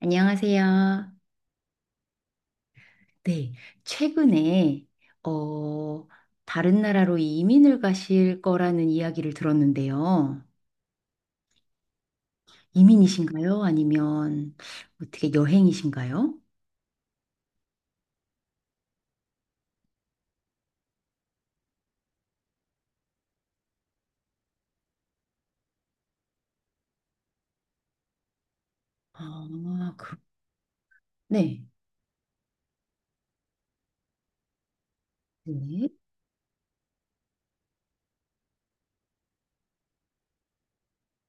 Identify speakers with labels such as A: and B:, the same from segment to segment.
A: 안녕하세요. 네, 최근에 어, 다른 나라로 이민을 가실 거라는 이야기를 들었는데요. 이민이신가요? 아니면 어떻게 여행이신가요? 아, 그, 네. 네.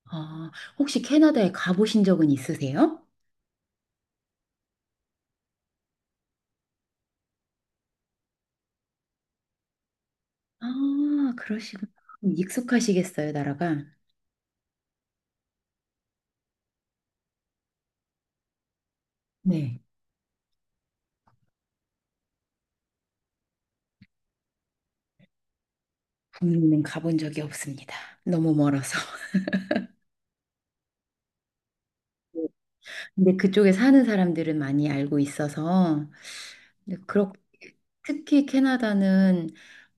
A: 아, 혹시 캐나다에 가보신 적은 있으세요? 아, 그러시구나. 익숙하시겠어요, 나라가? 네. 국내는 가본 적이 없습니다. 너무 멀어서. 근데 그쪽에 사는 사람들은 많이 알고 있어서 근데 그렇게 특히 캐나다는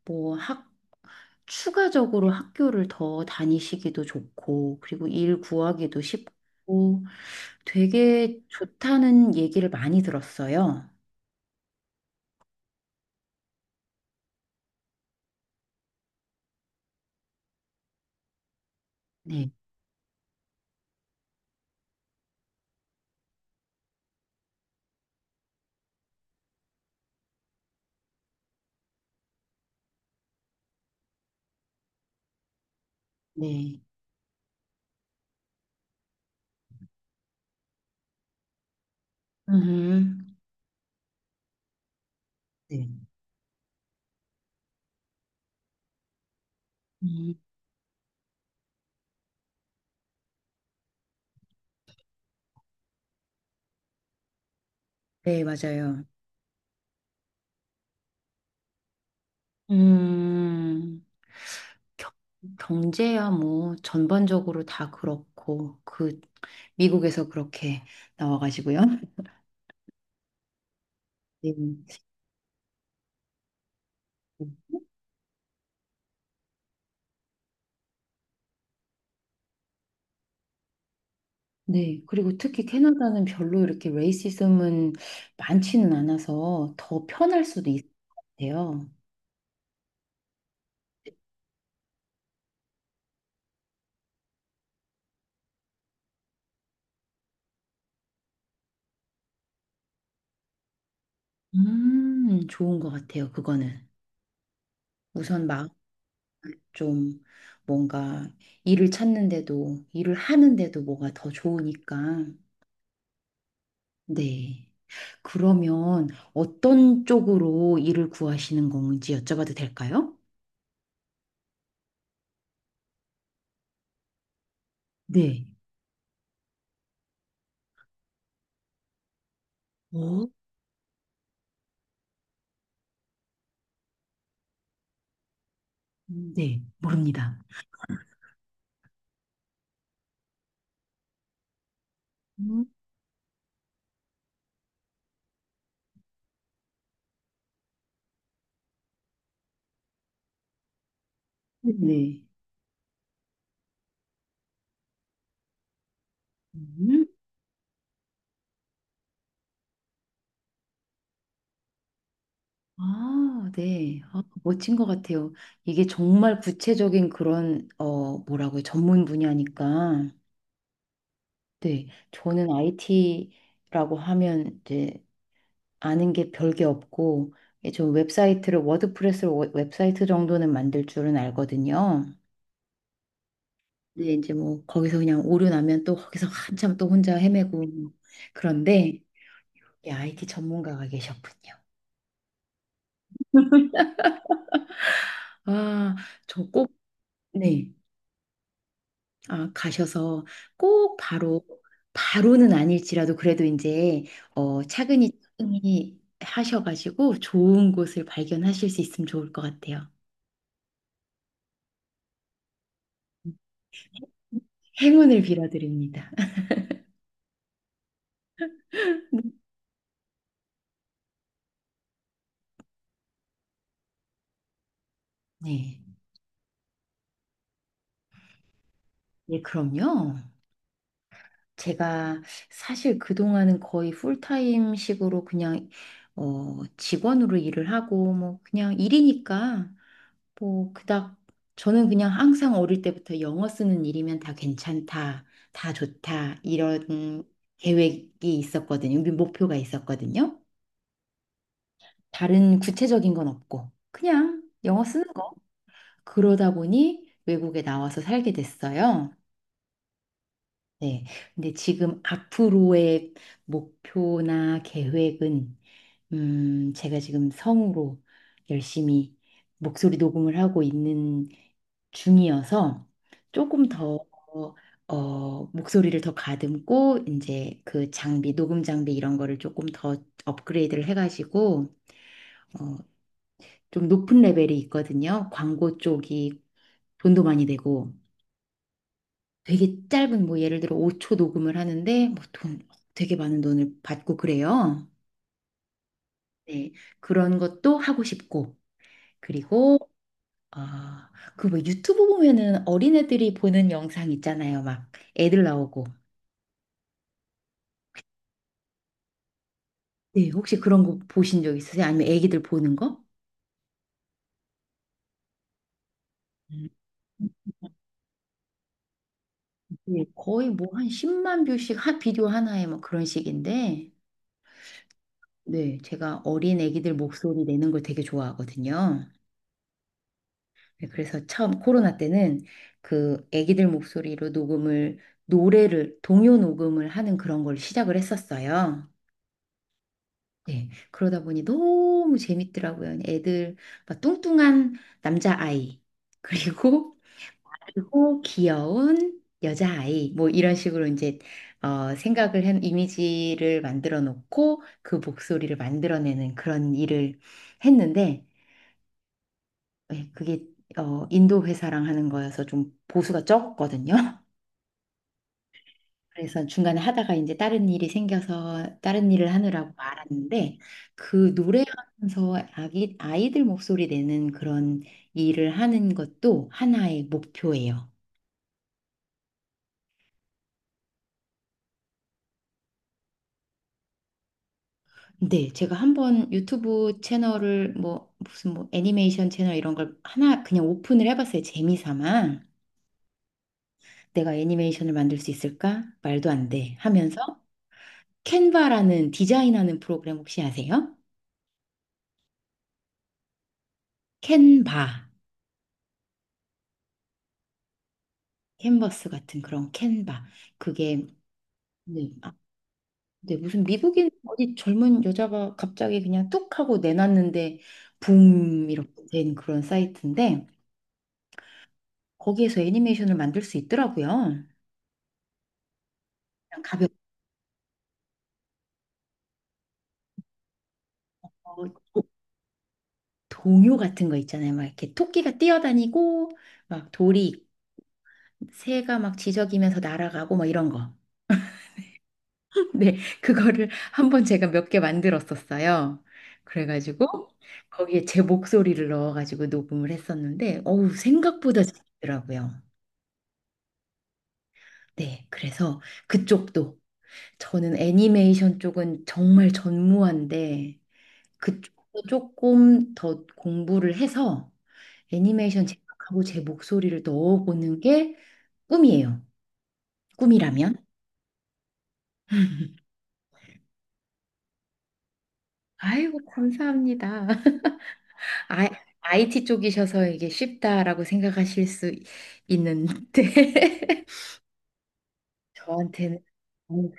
A: 뭐 학, 추가적으로 학교를 더 다니시기도 좋고, 그리고 일 구하기도 쉽고 되게 좋다는 얘기를 많이 들었어요. 네, 네. 음, 네. 음. 네, 맞아요. 음. 겨- 경제야 뭐 전반적으로 다 그렇고, 그 미국에서 그렇게 나와가지고요. 네. 네, 그리고 특히 캐나다는 별로 이렇게 레이시즘은 많지는 않아서 더 편할 수도 있을 것 같아요. 좋은 것 같아요, 그거는. 우선 막 좀 뭔가 일을 찾는데도, 일을 하는데도 뭐가 더 좋으니까. 네. 그러면 어떤 쪽으로 일을 구하시는 건지 여쭤봐도 될까요? 네. 어? 네. 모릅니다. 음. 네. 음. 아, 네. 아, 멋진 것 같아요. 이게 정말 구체적인 그런, 뭐라고요? 전문 분야니까. 네. 저는 IT라고 하면 이제 아는 게 별 게 없고, 저 웹사이트를, 워드프레스로 웹사이트 정도는 만들 줄은 알거든요. 근데 이제 뭐 거기서 그냥 오류 나면 또 거기서 한참 또 혼자 헤매고 그런데 이 IT 전문가가 계셨군요. 아, 저 꼭, 네. 아, 가셔서 꼭 바로, 바로는 아닐지라도 그래도 이제, 차근히 차근히 하셔가지고 좋은 곳을 발견하실 수 있으면 좋을 것 같아요. 행운을 빌어드립니다. 네. 예, 그럼요. 제가 사실 그동안은 거의 풀타임 식으로 그냥 직원으로 일을 하고, 뭐 그냥 일이니까 뭐 그닥 저는 그냥 항상 어릴 때부터 영어 쓰는 일이면 다 괜찮다, 다 좋다 이런 계획이 있었거든요. 목표가 있었거든요. 다른 구체적인 건 없고 그냥 영어 쓰는 거. 그러다 보니 외국에 나와서 살게 됐어요. 네. 근데 지금 앞으로의 목표나 계획은, 제가 지금 성으로 열심히 목소리 녹음을 하고 있는 중이어서 조금 더, 목소리를 더 가듬고, 이제 그 장비, 녹음 장비 이런 거를 조금 더 업그레이드를 해가지고, 어, 좀 높은 레벨이 있거든요. 광고 쪽이 돈도 많이 되고, 되게 짧은 뭐 예를 들어 5초 녹음을 하는데 뭐 돈 되게 많은 돈을 받고 그래요. 네. 그런 것도 하고 싶고, 그리고 아, 그 뭐 유튜브 보면은 어린애들이 보는 영상 있잖아요. 막 애들 나오고. 네, 혹시 그런 거 보신 적 있으세요? 아니면 애기들 보는 거? 음. 네, 거의 뭐 한 10만 뷰씩 한 비디오 하나에 뭐 그런 식인데 네, 제가 어린 애기들 목소리 내는 걸 되게 좋아하거든요. 네, 그래서 처음 코로나 때는 그 아기들 목소리로 녹음을 노래를 동요 녹음을 하는 그런 걸 시작을 했었어요. 네, 그러다 보니 너무 재밌더라고요. 애들 막 뚱뚱한 남자아이 그리고 그리고 귀여운 여자아이 뭐 이런 식으로 이제 생각을 한 이미지를 만들어 놓고 그 목소리를 만들어내는 그런 일을 했는데 예, 그게 인도 회사랑 하는 거여서 좀 보수가 적거든요. 그래서 중간에 하다가 이제 다른 일이 생겨서 다른 일을 하느라고 말았는데 그 노래하면서 아기, 아이들 목소리 내는 그런 일을 하는 것도 하나의 목표예요. 네, 제가 한번 유튜브 채널을 뭐 무슨 뭐 애니메이션 채널 이런 걸 하나 그냥 오픈을 해봤어요. 재미삼아. 내가 애니메이션을 만들 수 있을까? 말도 안 돼. 하면서 캔바라는 디자인하는 프로그램 혹시 아세요? 캔바, 캔버스 같은 그런 캔바. 그게 네, 아, 네, 무슨 미국인 어디 젊은 여자가 갑자기 그냥 뚝 하고 내놨는데 붐 이렇게 된 그런 사이트인데 거기에서 애니메이션을 만들 수 있더라고요. 그냥 가볍고 도- 동요 같은 거 있잖아요. 막 이렇게 토끼가 뛰어다니고 막 돌이 새가 막 지저귀면서 날아가고 막 이런 거. 네, 그거를 한번 제가 몇 개 만들었었어요. 그래가지고 거기에 제 목소리를 넣어가지고 녹음을 했었는데, 어우, 생각보다 재밌더라고요. 네, 그래서 그쪽도 저는 애니메이션 쪽은 정말 전무한데 그쪽도 조금 더 공부를 해서 애니메이션 제작하고 제 목소리를 넣어보는 게 꿈이에요. 꿈이라면. 아이고, 감사합니다. 아, IT 쪽이셔서 이게 쉽다라고 생각하실 수 있는데 저한테는 음,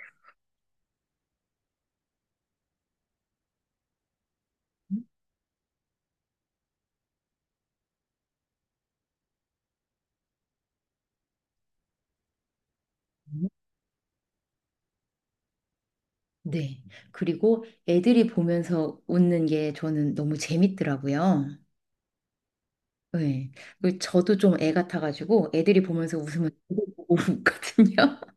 A: 네. 그리고 애들이 보면서 웃는 게 저는 너무 재밌더라고요. 네. 그리고 저도 좀 애 같아가지고 애들이 보면서 웃으면 저도 보고 웃거든요.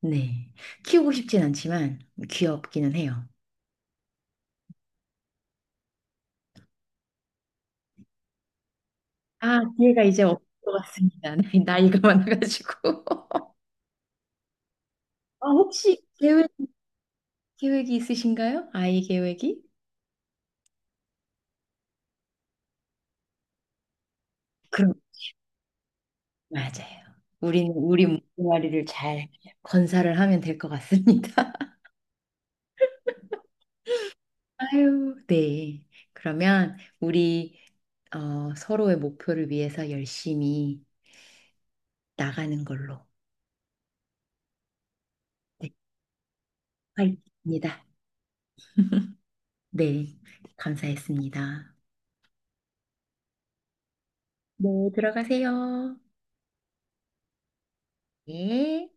A: 네. 키우고 싶진 않지만 귀엽기는 해요. 아, 기회가 이제 없을 것 같습니다. 나이가 많아가지고. 아, 혹시 계획, 계획이 있으신가요? 아이 계획이? 그, 맞아요. 우리는 우리 몸뚱아리를 잘 건사를 하면 될 것 같습니다. 아유, 네. 그러면 우리 서로의 목표를 위해서 열심히 나가는 걸로. 네, 화이팅입니다. 네, 감사했습니다. 네, 들어가세요. 네.